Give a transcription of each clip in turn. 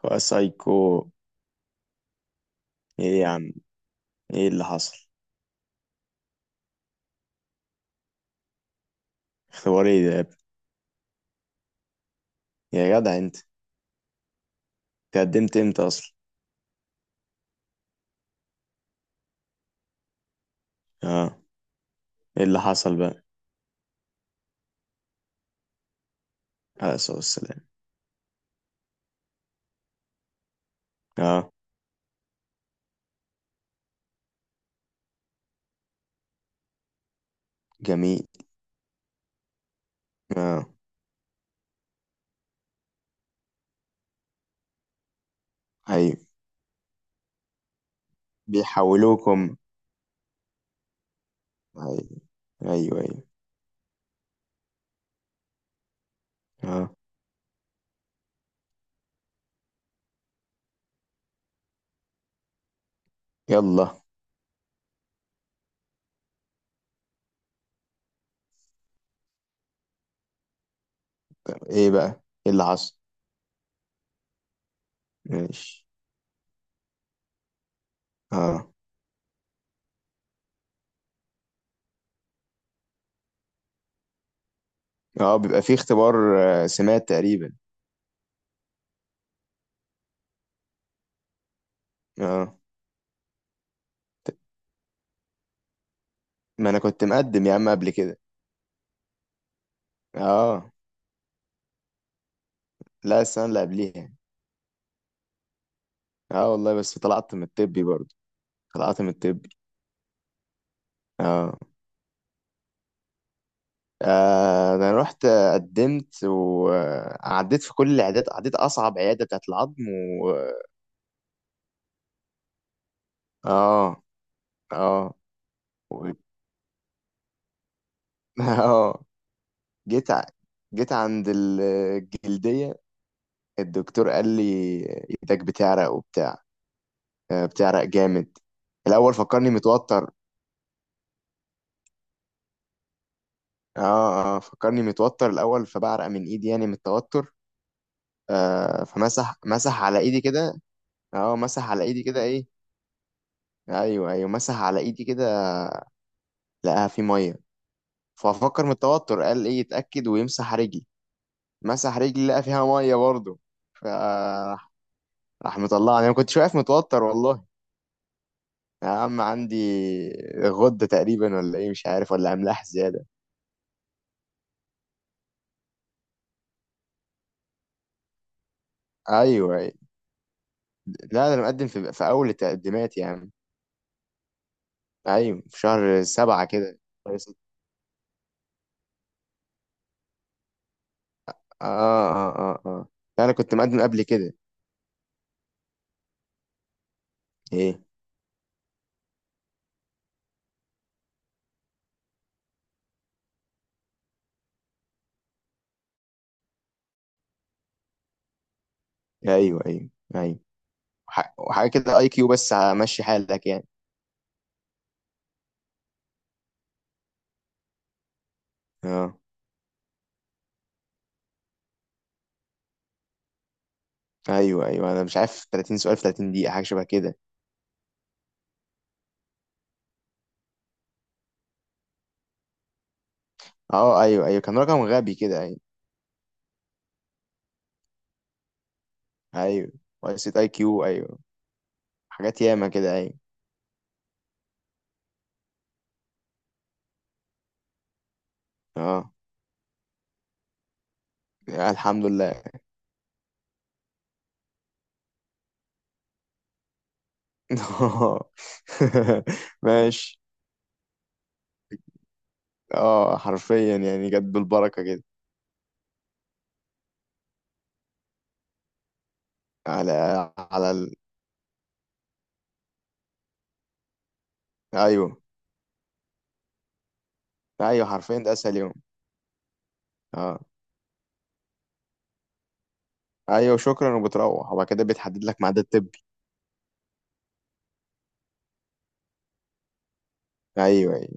فسايكو. ايه يا عم؟ ايه اللي حصل؟ اختبار ايه ده يا ابني؟ يا جدع انت، تقدمت امتى اصلا؟ اه. ايه اللي حصل بقى؟ عليه الصلاة والسلام. اه. جميل. اه. ايوه، بيحولوكم؟ ايوه ايوه ايوه. اه. يلا. طب ايه بقى؟ ايه اللي حصل؟ ماشي. اه. اه، بيبقى فيه اختبار سمات تقريبا. اه. ت- ما انا كنت مقدم يا عم قبل كده. اه. لا، السنة اللي قبليها. اه والله، بس طلعت من الطبي برضه. طلعت من الطبي. اه. انا رحت، قدمت وعديت في كل العيادات، عديت اصعب عياده بتاعت العظم. و اه اه و... اه. جيت ع... جيت عند الجلديه. الدكتور قال لي ايدك بتعرق وبتاع. بتعرق جامد. الاول فكرني متوتر. اه اه، فكرني متوتر الاول، فبعرق من ايدي يعني من التوتر. آه، فمسح على ايدي كده. اه، مسح على ايدي كده ايه. ايوه ايوه، مسح على ايدي كده، لقاها في ميه. فافكر من التوتر، قال ايه، يتاكد ويمسح رجلي. مسح رجلي لقى فيها ميه برضه. فراح، راح مطلعني. انا كنت واقف متوتر والله. يا عم، عندي غده تقريبا ولا ايه، مش عارف، ولا املاح زياده. ايوه، أيوة. لا، ده انا مقدم في اول التقدمات يا عم. ايوه، في شهر سبعة كده. شهر ستة. اه اه اه. اه، لا، انا كنت مقدم قبل كده. ايه. ايوه ايوه ايوه. وحاجه كده اي كيو بس، ماشي حالك يعني. اه ايوه ايوه، انا مش عارف، 30 سؤال في 30 دقيقة، حاجة شبه كده. اه ايوه ايوه، كان رقم غبي كده، ايوه. ايوه وقيسة اي كيو، ايوه. حاجات ياما كده، ايوه. اه. الحمد لله. ماشي. اه، حرفيا يعني جت بالبركة كده. على، على ال... ايوه ايوه، حرفيا ده اسهل يوم. اه. ايوه شكرا، وبتروح وبعد كده بيتحدد لك ميعاد الطبي. ايوه ايوه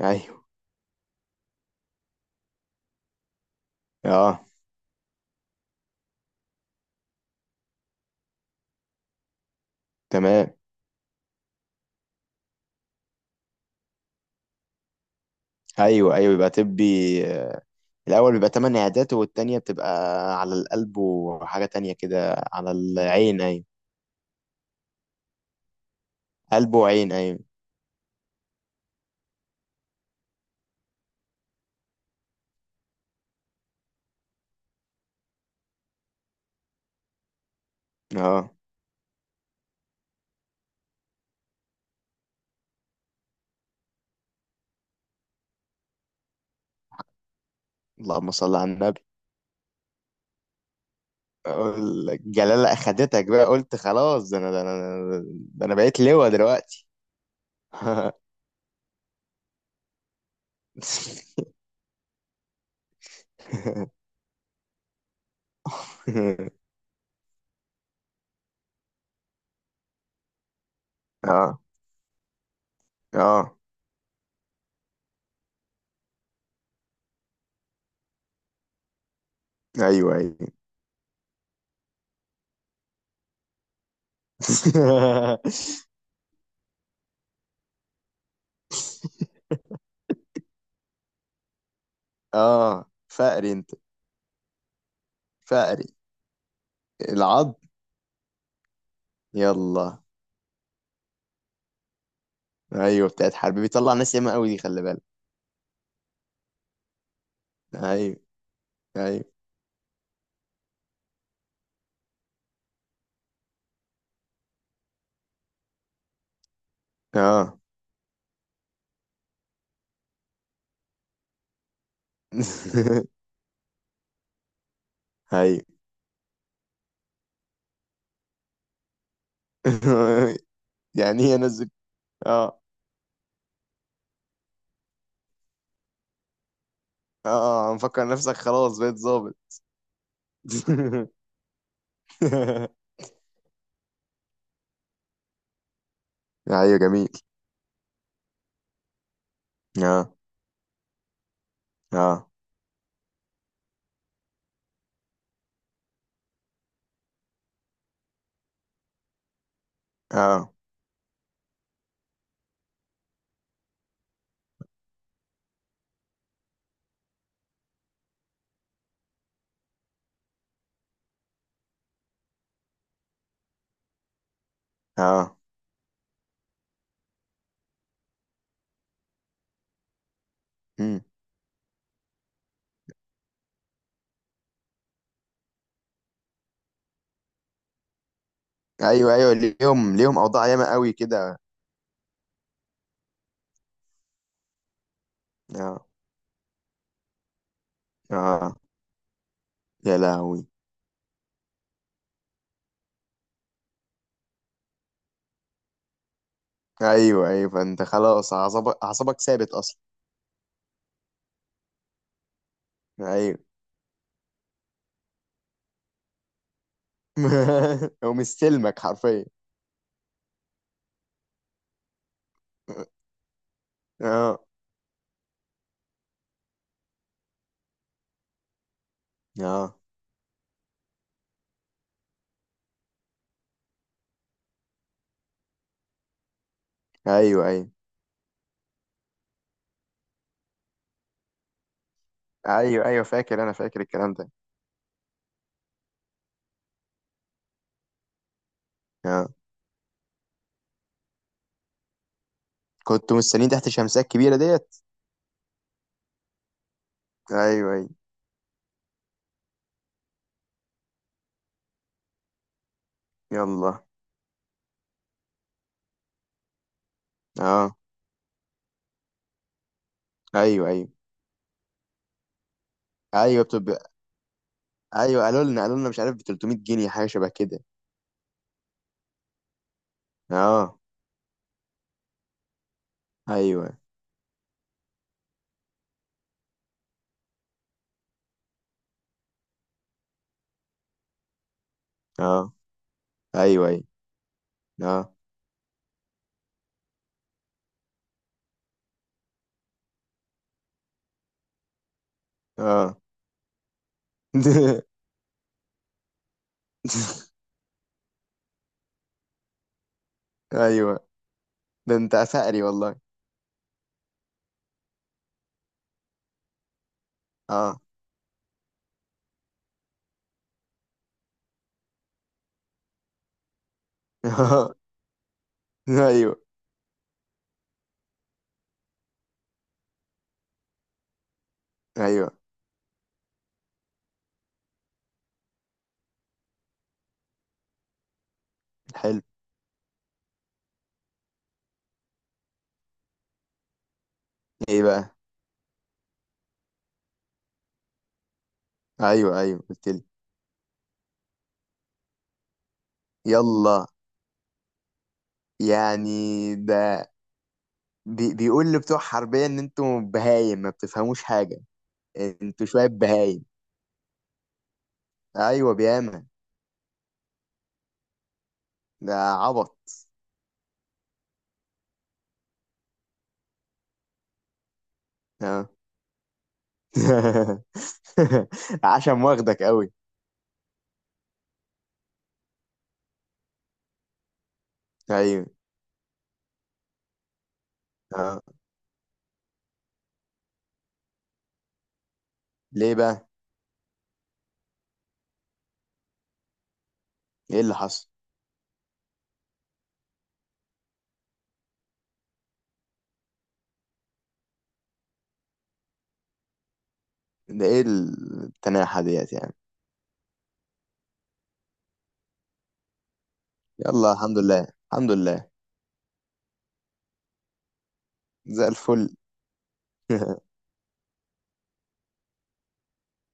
ايوه. اه. تمام. ايوه ايوه، يبقى طبي، الأول بيبقى تمن عيادات، والتانية بتبقى على القلب وحاجة تانية كده على العين. أيوة. قلب وعين، أيوة. اه. اللهم صل على النبي. أقول لك جلالة أخدتك بقى، قلت خلاص، ده أنا بقيت لواء دلوقتي. اه. اه. أيوة أيوة. اه، فقري أنت. فقري. العض. يلا. أيوة، بتاعت حرب، بيطلع ناس ياما قوي دي، خلي بالك. أيوة أيوة. اه. هاي. يعني ايه انزل. اه. اه، مفكر نفسك خلاص بقيت ظابط. ايوه جميل. اه اه اه اه. مم. ايوه ايوه، ليهم اوضاع ياما قوي كده. اه. اه. يا لهوي. ايوه ايوه، فانت خلاص، اعصابك ثابت اصلا. ايوه. هو مستلمك حرفيا. اه. اه. ايوه ايوه. ايوه ايوه، فاكر، انا فاكر الكلام ده. اه، كنت مستنيين تحت الشمسية الكبيرة ديت. ايوه ايوه. يلا. اه. ايوه ايوه. ايوه بتبقى، ايوه قالوا لنا، قالوا لنا مش عارف ب 300 جنيه حاجه شبه كده. اه. ايوه. اه. ايوه ايوه. اه. اه. ايوه، ده انت عسقري والله. اه. ايوه ايوه. حلو. ايه بقى؟ ايوه ايوه، قلت لي. يلا. يعني ده بي، بيقول لبتوع حربيه ان انتوا بهايم، ما بتفهموش حاجه. انتوا شويه بهايم. ايوه بياما. ده عبط. آه. عشان واخدك قوي. ايوه. اه. ليه بقى؟ ايه اللي حصل؟ ده ايه التناحة ديت يعني؟ يلا الحمد لله. الحمد لله. زي الفل.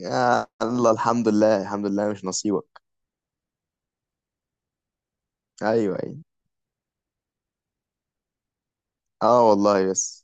يا الله، الحمد لله الحمد لله، مش نصيبك. ايوه ايوه. اه والله، بس